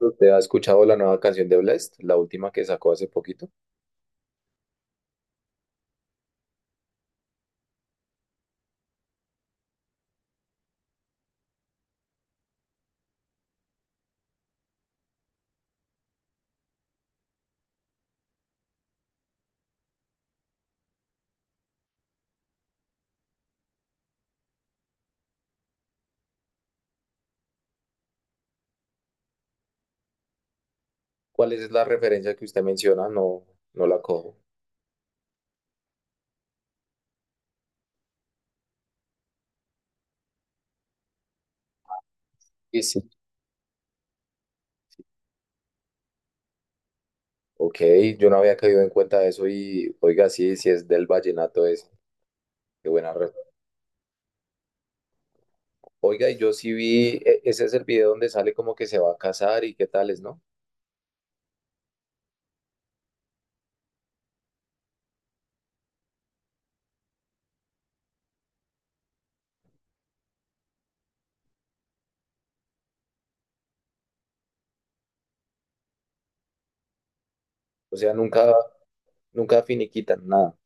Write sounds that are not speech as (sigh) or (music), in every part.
¿Usted ha escuchado la nueva canción de Blest, la última que sacó hace poquito? ¿Cuál es la referencia que usted menciona? No, no la cojo. Y sí, ok, yo no había caído en cuenta de eso y oiga, sí, sí es del vallenato ese. Qué buena red. Oiga, y yo sí vi, ese es el video donde sale como que se va a casar y qué tales, ¿no? O sea, nunca, nunca finiquitan nada.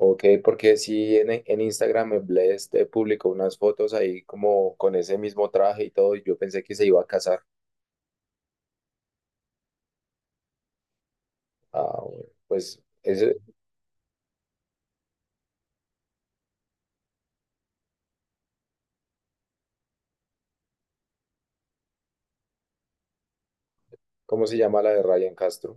Ok, porque sí en Instagram Blessed publicó unas fotos ahí como con ese mismo traje y todo, y yo pensé que se iba a casar. Ah, bueno, pues eso. ¿Cómo se llama la de Ryan Castro?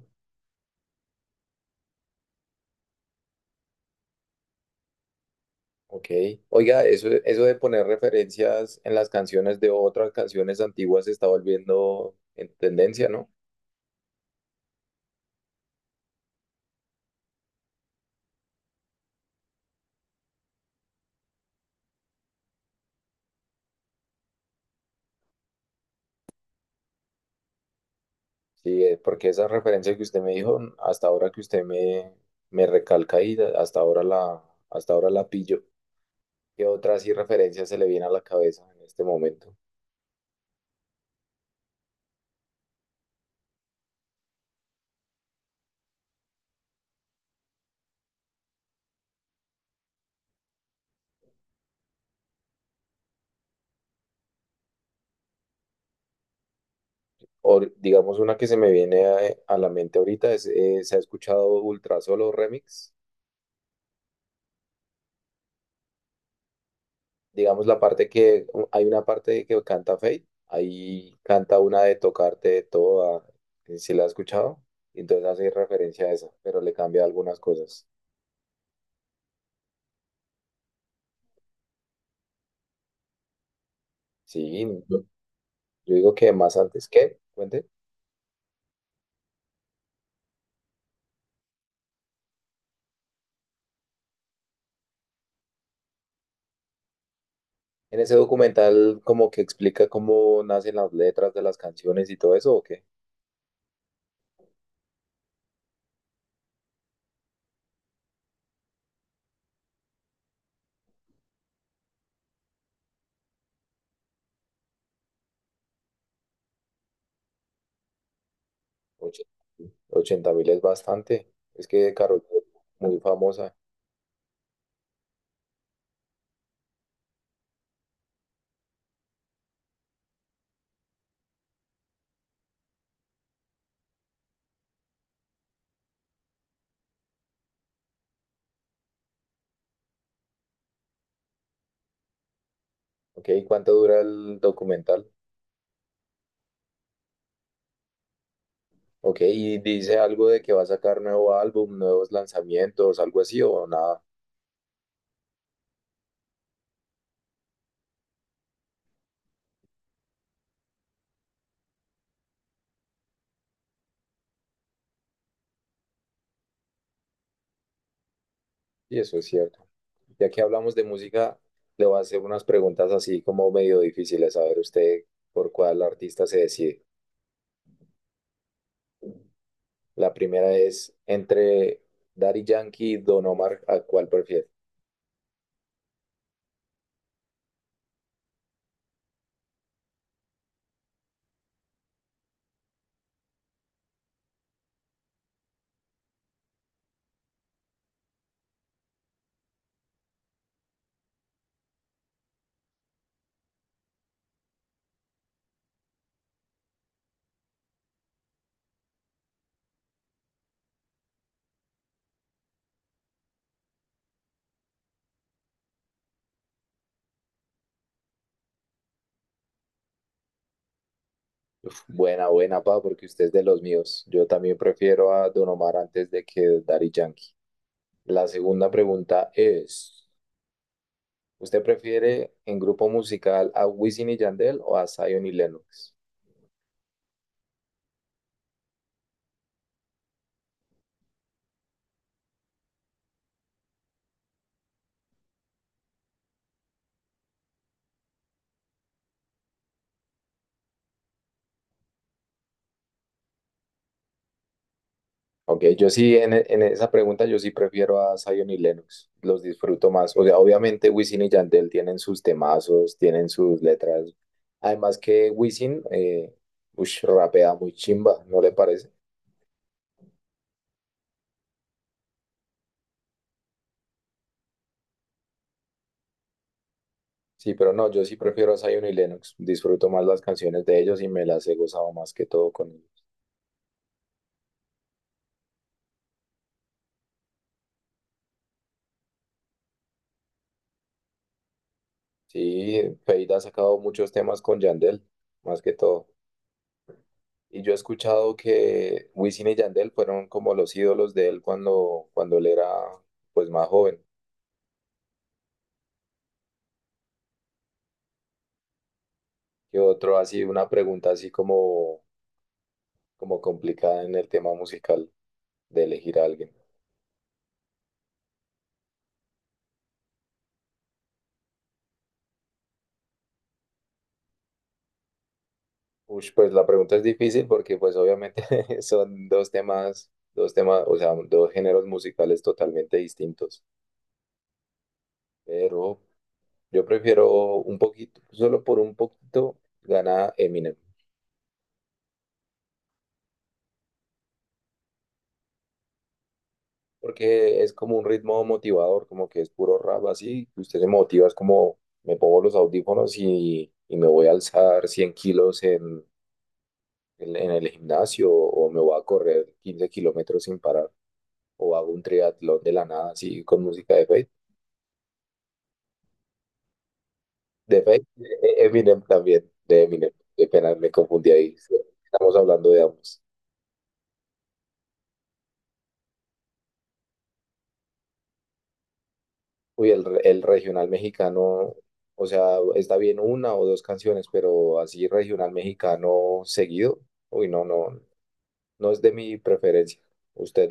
Ok. Oiga, eso de poner referencias en las canciones de otras canciones antiguas se está volviendo en tendencia, ¿no? Sí, porque esa referencia que usted me dijo, hasta ahora que usted me recalca y hasta ahora la pillo. ¿Qué otra así referencia se le viene a la cabeza en este momento? O digamos una que se me viene a la mente ahorita es. ¿Se ha escuchado Ultrasolo Remix? Digamos la parte que hay una parte que canta Fate, ahí canta una de tocarte toda, si la has escuchado, entonces hace referencia a esa, pero le cambia algunas cosas. Sí, yo digo que más antes, que cuente. En ese documental como que explica cómo nacen las letras de las canciones y todo eso, ¿o qué? 80.000 es bastante. Es que Karol G es muy famosa. Ok, ¿cuánto dura el documental? Ok, y dice algo de que va a sacar nuevo álbum, nuevos lanzamientos, algo así o nada. Y eso es cierto. Ya que hablamos de música, le voy a hacer unas preguntas así como medio difíciles, a ver usted por cuál artista se decide. La primera es, entre Daddy Yankee y Don Omar, ¿a cuál prefiere? Uf, buena, buena, pa, porque usted es de los míos. Yo también prefiero a Don Omar antes de que Daddy Yankee. La segunda pregunta es... ¿Usted prefiere en grupo musical a Wisin y Yandel o a Zion y Lennox? Ok, yo sí, en esa pregunta yo sí prefiero a Zion y Lennox, los disfruto más. O sea, obviamente Wisin y Yandel tienen sus temazos, tienen sus letras. Además que Wisin, ush, rapea muy chimba, ¿no le parece? Sí, pero no, yo sí prefiero a Zion y Lennox, disfruto más las canciones de ellos y me las he gozado más que todo con ellos. Sí, Feid ha sacado muchos temas con Yandel, más que todo. Y yo he escuchado que Wisin y Yandel fueron como los ídolos de él cuando él era, pues, más joven. Y otro así, una pregunta así como complicada en el tema musical de elegir a alguien. Ush, pues la pregunta es difícil porque pues obviamente (laughs) son dos temas, o sea, dos géneros musicales totalmente distintos. Pero yo prefiero un poquito, solo por un poquito, gana Eminem. Porque es como un ritmo motivador, como que es puro rap así, y usted se motiva, es como me pongo los audífonos y me voy a alzar 100 kilos en el gimnasio o me voy a correr 15 kilómetros sin parar, o hago un triatlón de la nada así con música de Fate. De Fate, de Eminem también, de Eminem, qué pena, me confundí ahí, sí, estamos hablando de ambos. Uy, el regional mexicano, o sea, está bien una o dos canciones, pero así regional mexicano seguido, uy, no, no, no es de mi preferencia. Usted,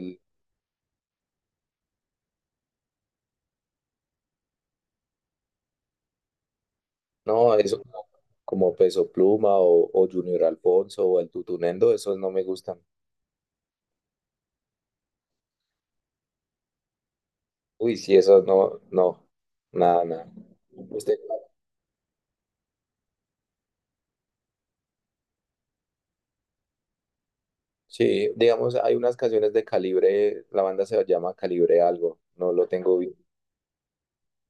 no, eso como Peso Pluma o Junior Alfonso o el Tutunendo, esos no me gustan. Uy, sí, esos no, no, nada, nada. Usted, sí, digamos, hay unas canciones de Calibre, la banda se llama Calibre algo, no lo tengo bien.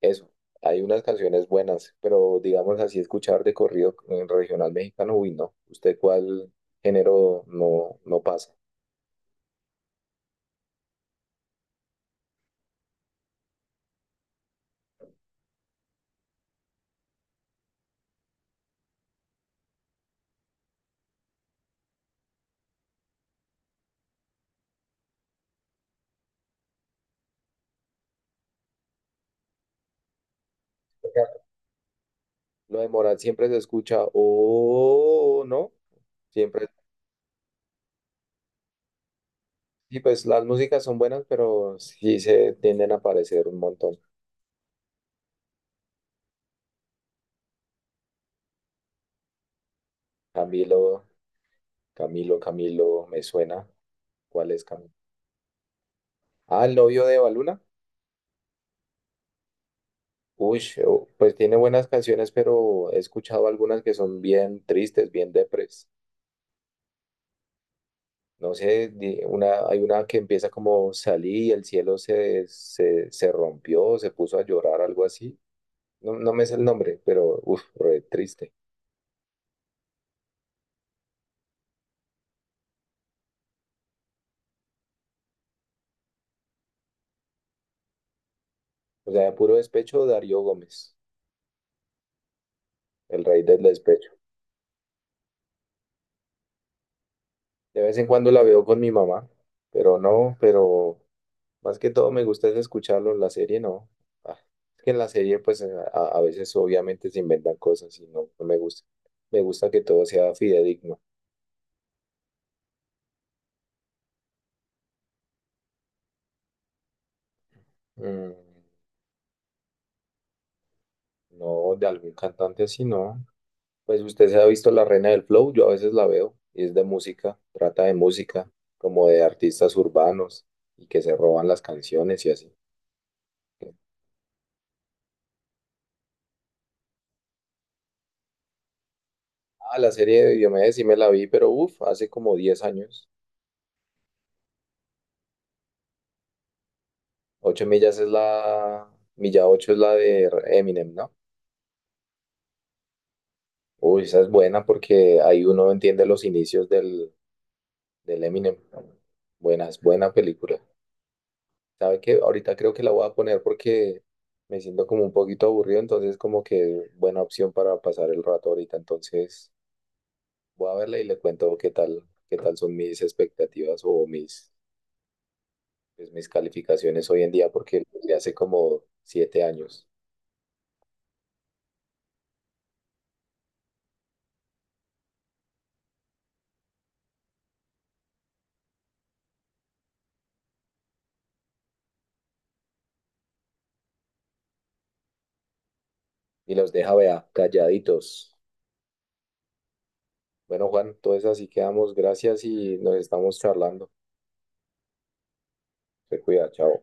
Eso, hay unas canciones buenas, pero digamos así, escuchar de corrido regional mexicano, uy, no. ¿Usted cuál género no, no pasa? Lo de Morat siempre se escucha, oh, ¿no? Siempre, y pues las músicas son buenas, pero sí se tienden a aparecer un montón. Camilo, Camilo, Camilo, me suena. ¿Cuál es Camilo? Ah, el novio de Baluna. Uy, oh, pues tiene buenas canciones, pero he escuchado algunas que son bien tristes, bien depres. No sé, una, hay una que empieza como: salí y el cielo se rompió, se puso a llorar, algo así. No, no me es el nombre, pero uff, re triste. O sea, de puro despecho, Darío Gómez, el rey del despecho. De vez en cuando la veo con mi mamá, pero no, pero más que todo me gusta es escucharlo en la serie, no. Ah, es que en la serie, pues a veces obviamente se inventan cosas y no, no me gusta. Me gusta que todo sea fidedigno. Mm, no, de algún cantante así, no. Pues usted se ha visto La Reina del Flow, yo a veces la veo y es de música, trata de música, como de artistas urbanos y que se roban las canciones y así. Ah, la serie de Diomedes sí me la vi, pero uff, hace como 10 años. Ocho millas es la, milla Ocho es la de Eminem, ¿no? Uy, esa es buena porque ahí uno entiende los inicios del Eminem. Buena, es buena película. ¿Sabe qué? Ahorita creo que la voy a poner porque me siento como un poquito aburrido, entonces como que buena opción para pasar el rato ahorita. Entonces voy a verla y le cuento qué tal son mis expectativas o pues mis calificaciones hoy en día, porque de hace como 7 años. Y los deja, vea, calladitos. Bueno, Juan, entonces así quedamos. Gracias y nos estamos charlando. Se cuida, chao.